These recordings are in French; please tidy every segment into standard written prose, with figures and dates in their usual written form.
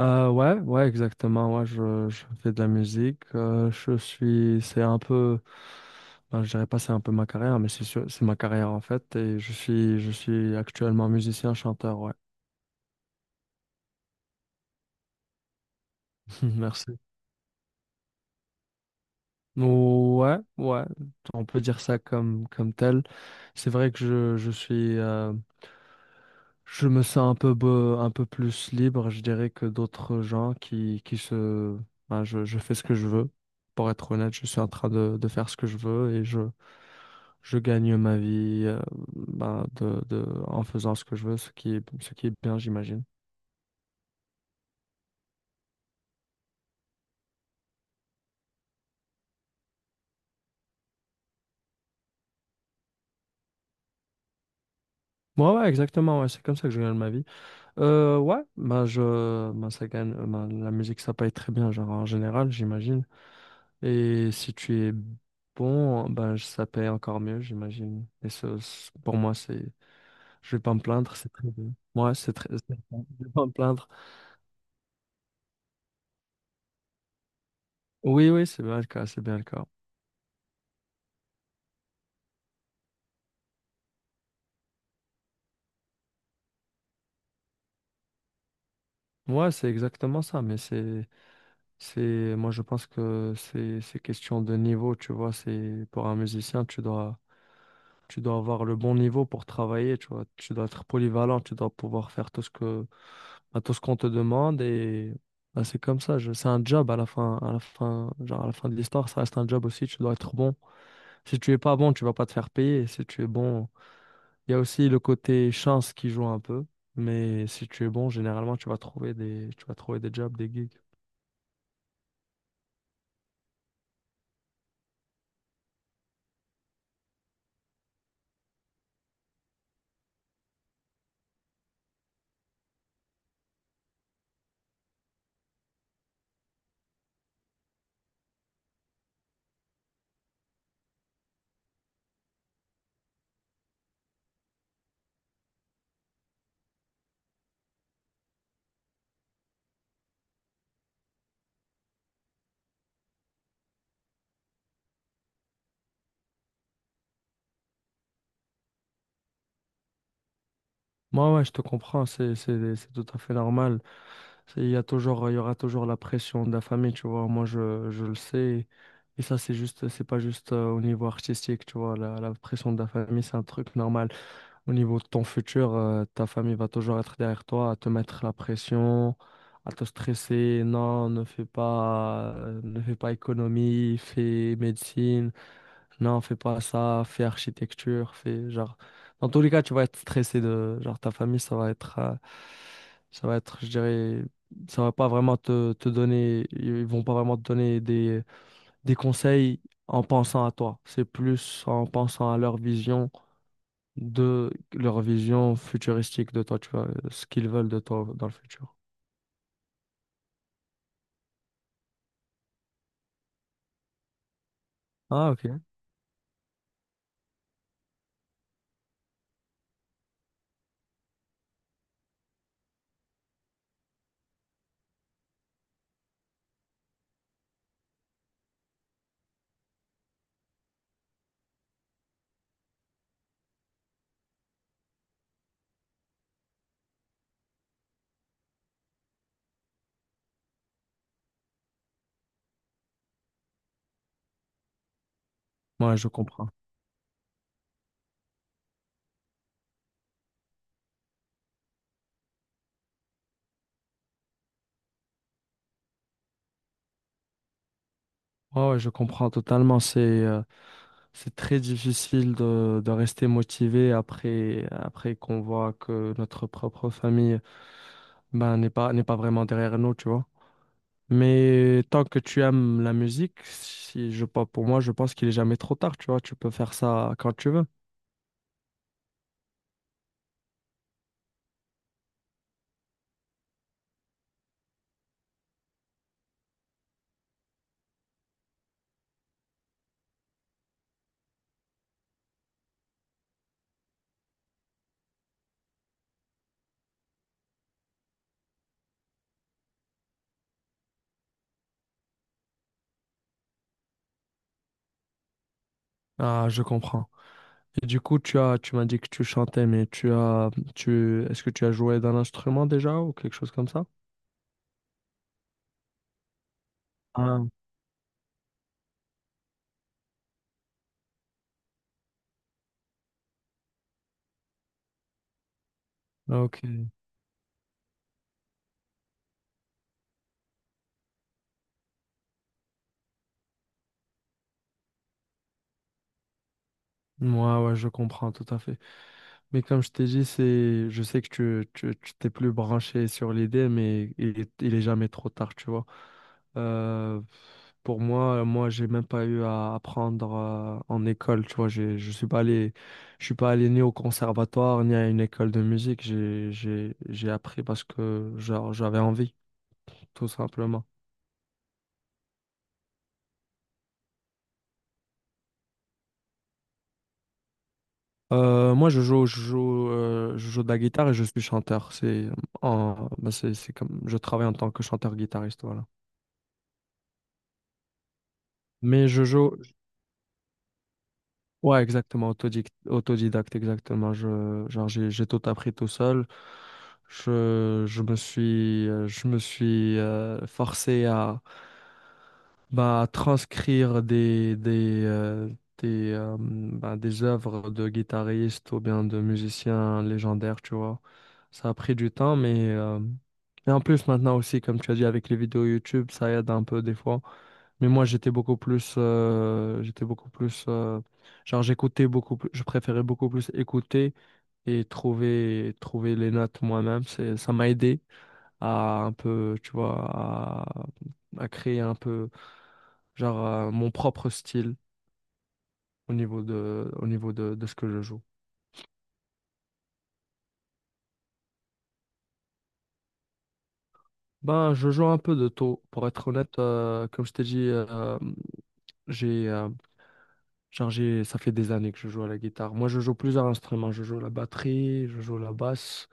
Ouais, ouais, exactement. Ouais, je fais de la musique. Je suis, c'est un peu, ben, je dirais pas c'est un peu ma carrière, mais c'est ma carrière en fait. Je suis actuellement musicien, chanteur. Ouais, merci. Ouais, ouais, on peut dire ça comme tel. C'est vrai que je suis, je me sens un peu, un peu plus libre, je dirais, que d'autres gens qui se... Ben, je fais ce que je veux. Pour être honnête, je suis en train de faire ce que je veux et je gagne ma vie, en faisant ce que je veux, ce qui est bien, j'imagine. Ouais, ouais, exactement, ouais, c'est comme ça que je gagne ma vie. Ouais, ben, je, ben, ça gagne, ben, La musique, ça paye très bien, genre, en général, j'imagine. Et si tu es bon, ça paye encore mieux, j'imagine. Et ça, c'est- pour moi, c'est, je vais pas me plaindre, c'est très bien. Moi, c'est très, c'est- Je vais pas me plaindre. Oui, oui, c'est bien le cas, c'est bien le cas. Moi, c'est exactement ça, mais moi, je pense que c'est question de niveau, tu vois. C'est pour un musicien, tu dois Tu dois avoir le bon niveau pour travailler, tu vois. Tu dois être polyvalent, tu dois pouvoir faire bah, tout ce qu'on te demande et bah, c'est comme ça. C'est un job à la fin, genre à la fin de l'histoire, ça reste un job aussi. Tu dois être bon. Si tu es pas bon, tu vas pas te faire payer. Et si tu es bon, il y a aussi le côté chance qui joue un peu. Mais si tu es bon, généralement, tu vas tu vas trouver des jobs, des gigs. Moi, ouais, je te comprends. C'est tout à fait normal. Il y a toujours, il y aura toujours la pression de la famille, tu vois. Moi, je le sais. Et ça, c'est juste, c'est pas juste au niveau artistique, tu vois. La pression de la famille, c'est un truc normal. Au niveau de ton futur, ta famille va toujours être derrière toi, à te mettre la pression, à te stresser. Non, ne fais pas économie, fais médecine. Non, fais pas ça, fais architecture, fais genre. Dans tous les cas, tu vas être stressé de genre ta famille, je dirais, ça va pas vraiment te, te donner, ils vont pas vraiment te donner des conseils en pensant à toi. C'est plus en pensant à leur vision de leur vision futuristique de toi, tu vois, ce qu'ils veulent de toi dans le futur. Ah, ok. Moi, je comprends. Ouais, ouais, je comprends totalement. C'est très difficile de rester motivé après, après qu'on voit que notre propre famille ben, n'est pas vraiment derrière nous, tu vois. Mais tant que tu aimes la musique, si je, pas- pour moi, je pense qu'il est jamais trop tard, tu vois. Tu peux faire ça quand tu veux. Ah, je comprends. Et du coup, tu m'as dit que tu chantais, est-ce que tu as joué d'un instrument déjà ou quelque chose comme ça? Ah, ok. Moi, ouais, ouais, je comprends tout à fait. Mais comme je t'ai dit, c'est, je sais que tu t'es plus branché sur l'idée, mais il est jamais trop tard, tu vois. Euh, Moi, j'ai même pas eu à apprendre en école, tu vois. Je suis pas allé, je suis pas allé ni au conservatoire ni à une école de musique. J'ai appris parce que genre, j'avais envie, tout simplement. Moi, je joue, je joue, Je joue de la guitare et je suis chanteur. C'est en, bah, c'est comme, Je travaille en tant que chanteur-guitariste, voilà. Mais je joue, Ouais, exactement, autodidacte, exactement. J'ai tout appris tout seul. Je me suis forcé à, bah, transcrire bah, des œuvres de guitaristes ou bien de musiciens légendaires, tu vois. Ça a pris du temps, et en plus maintenant aussi, comme tu as dit, avec les vidéos YouTube, ça aide un peu des fois. Mais moi, j'étais beaucoup plus, j'écoutais beaucoup plus, je préférais beaucoup plus écouter et trouver les notes moi-même. Ça m'a aidé à un peu, tu vois, à, à créer un peu, mon propre style au niveau de ce que je joue. Ben, je joue un peu de tout. Pour être honnête, comme je t'ai dit, j'ai, euh, ça fait des années que je joue à la guitare. Moi, je joue plusieurs instruments. Je joue la batterie, je joue la basse,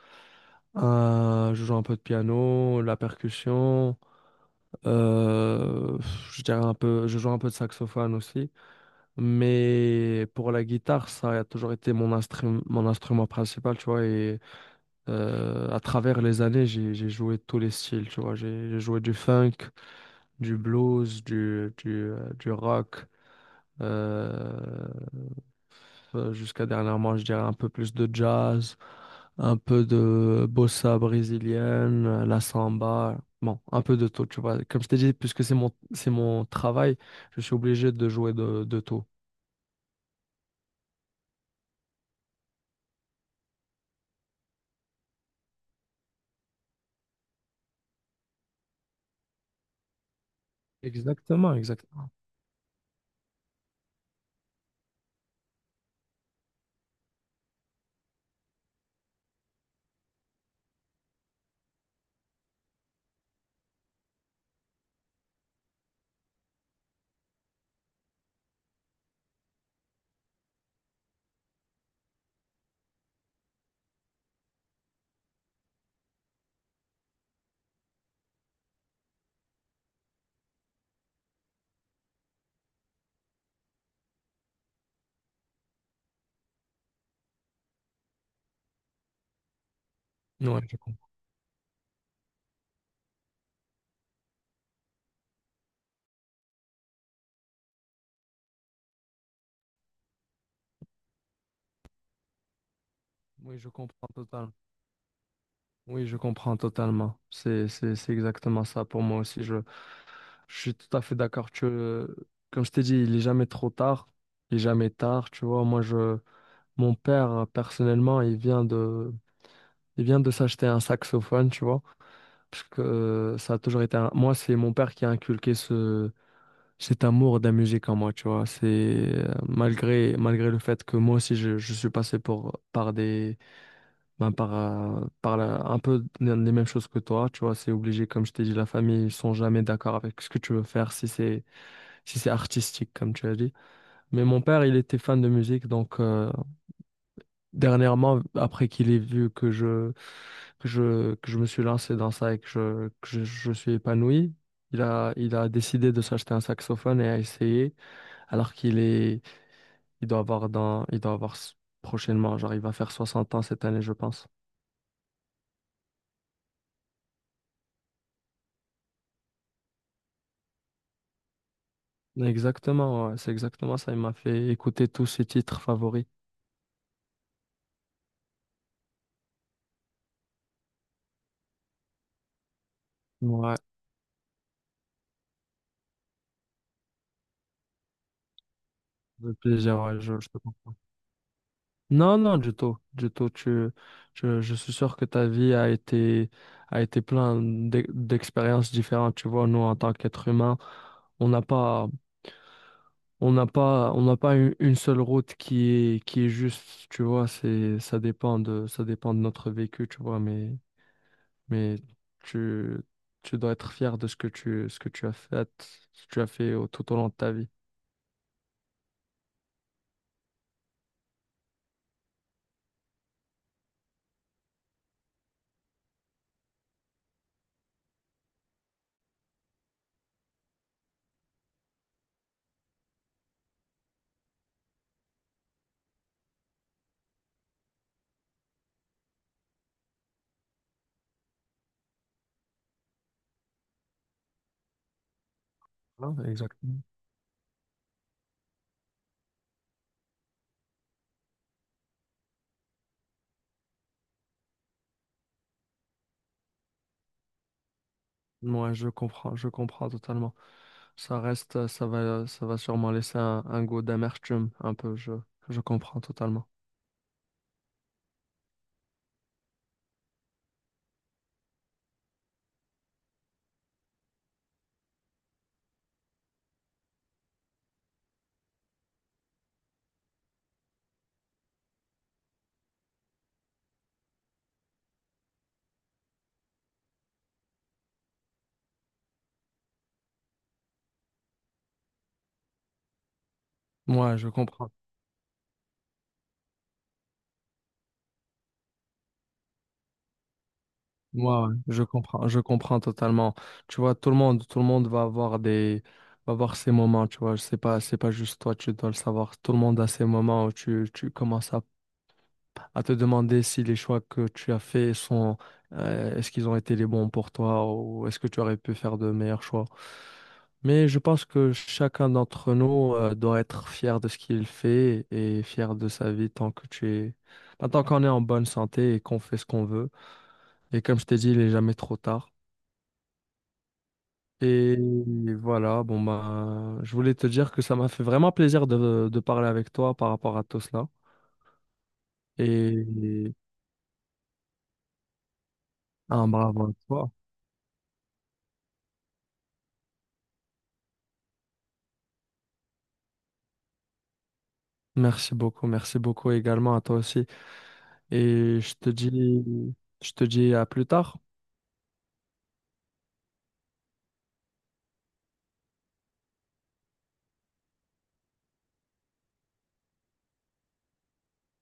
je joue un peu de piano, la percussion, euh, je joue un peu de saxophone aussi. Mais pour la guitare, ça a toujours été mon mon instrument principal, tu vois. Et à travers les années, j'ai joué tous les styles, tu vois. J'ai joué du funk, du blues, du rock, euh, jusqu'à dernièrement, je dirais un peu plus de jazz, un peu de bossa brésilienne, la samba. Bon, un peu de tout, tu vois. Comme je t'ai dit, puisque c'est mon travail, je suis obligé de jouer de tout. Exactement, exactement. Oui, je comprends. Oui, je comprends totalement. Oui, je comprends totalement. C'est exactement ça pour moi aussi. Je suis tout à fait d'accord. Comme je t'ai dit, il est jamais trop tard. Il est jamais tard. Tu vois, mon père, personnellement, il vient de s'acheter un saxophone, tu vois. Parce que ça a toujours été un... Moi, c'est mon père qui a inculqué ce... cet amour de la musique en moi, tu vois. C'est Malgré, malgré le fait que moi aussi, je suis passé pour... par des... ben, un peu les mêmes choses que toi, tu vois, c'est obligé, comme je t'ai dit, la famille, ils sont jamais d'accord avec ce que tu veux faire si c'est si c'est artistique, comme tu as dit. Mais mon père, il était fan de musique, donc dernièrement, après qu'il ait vu que je me suis lancé dans ça et je suis épanoui, il a décidé de s'acheter un saxophone et a essayé, alors qu'il est il doit avoir prochainement, genre il va faire 60 ans cette année, je pense. Exactement, ouais, c'est exactement ça. Il m'a fait écouter tous ses titres favoris. Ouais, le plaisir, ouais, je te comprends. Non, non, du tout, du tout. Je suis sûr que ta vie a été plein d'expériences différentes. Tu vois, nous, en tant qu'êtres humains, on n'a pas, on n'a pas une seule route qui est juste. Tu vois, c'est, ça dépend ça dépend de notre vécu. Tu vois, mais tu, tu dois être fier de ce que ce que tu as fait, ce que tu as fait tout au long de ta vie. Hein, exactement. Moi, je comprends totalement. Ça va sûrement laisser un goût d'amertume, un peu. Je comprends totalement. Moi, je comprends. Moi, ouais, je comprends totalement. Tu vois, tout le monde va avoir va avoir ces moments. Tu vois, c'est pas juste toi, tu dois le savoir. Tout le monde a ces moments où tu commences à te demander si les choix que tu as faits sont, est-ce qu'ils ont été les bons pour toi ou est-ce que tu aurais pu faire de meilleurs choix. Mais je pense que chacun d'entre nous, doit être fier de ce qu'il fait et fier de sa vie tant que bah, tant qu'on est en bonne santé et qu'on fait ce qu'on veut. Et comme je t'ai dit, il n'est jamais trop tard. Et voilà, bon bah, je voulais te dire que ça m'a fait vraiment plaisir de parler avec toi par rapport à tout cela. Et un bravo à toi. Merci beaucoup également à toi aussi. Et je te dis à plus tard.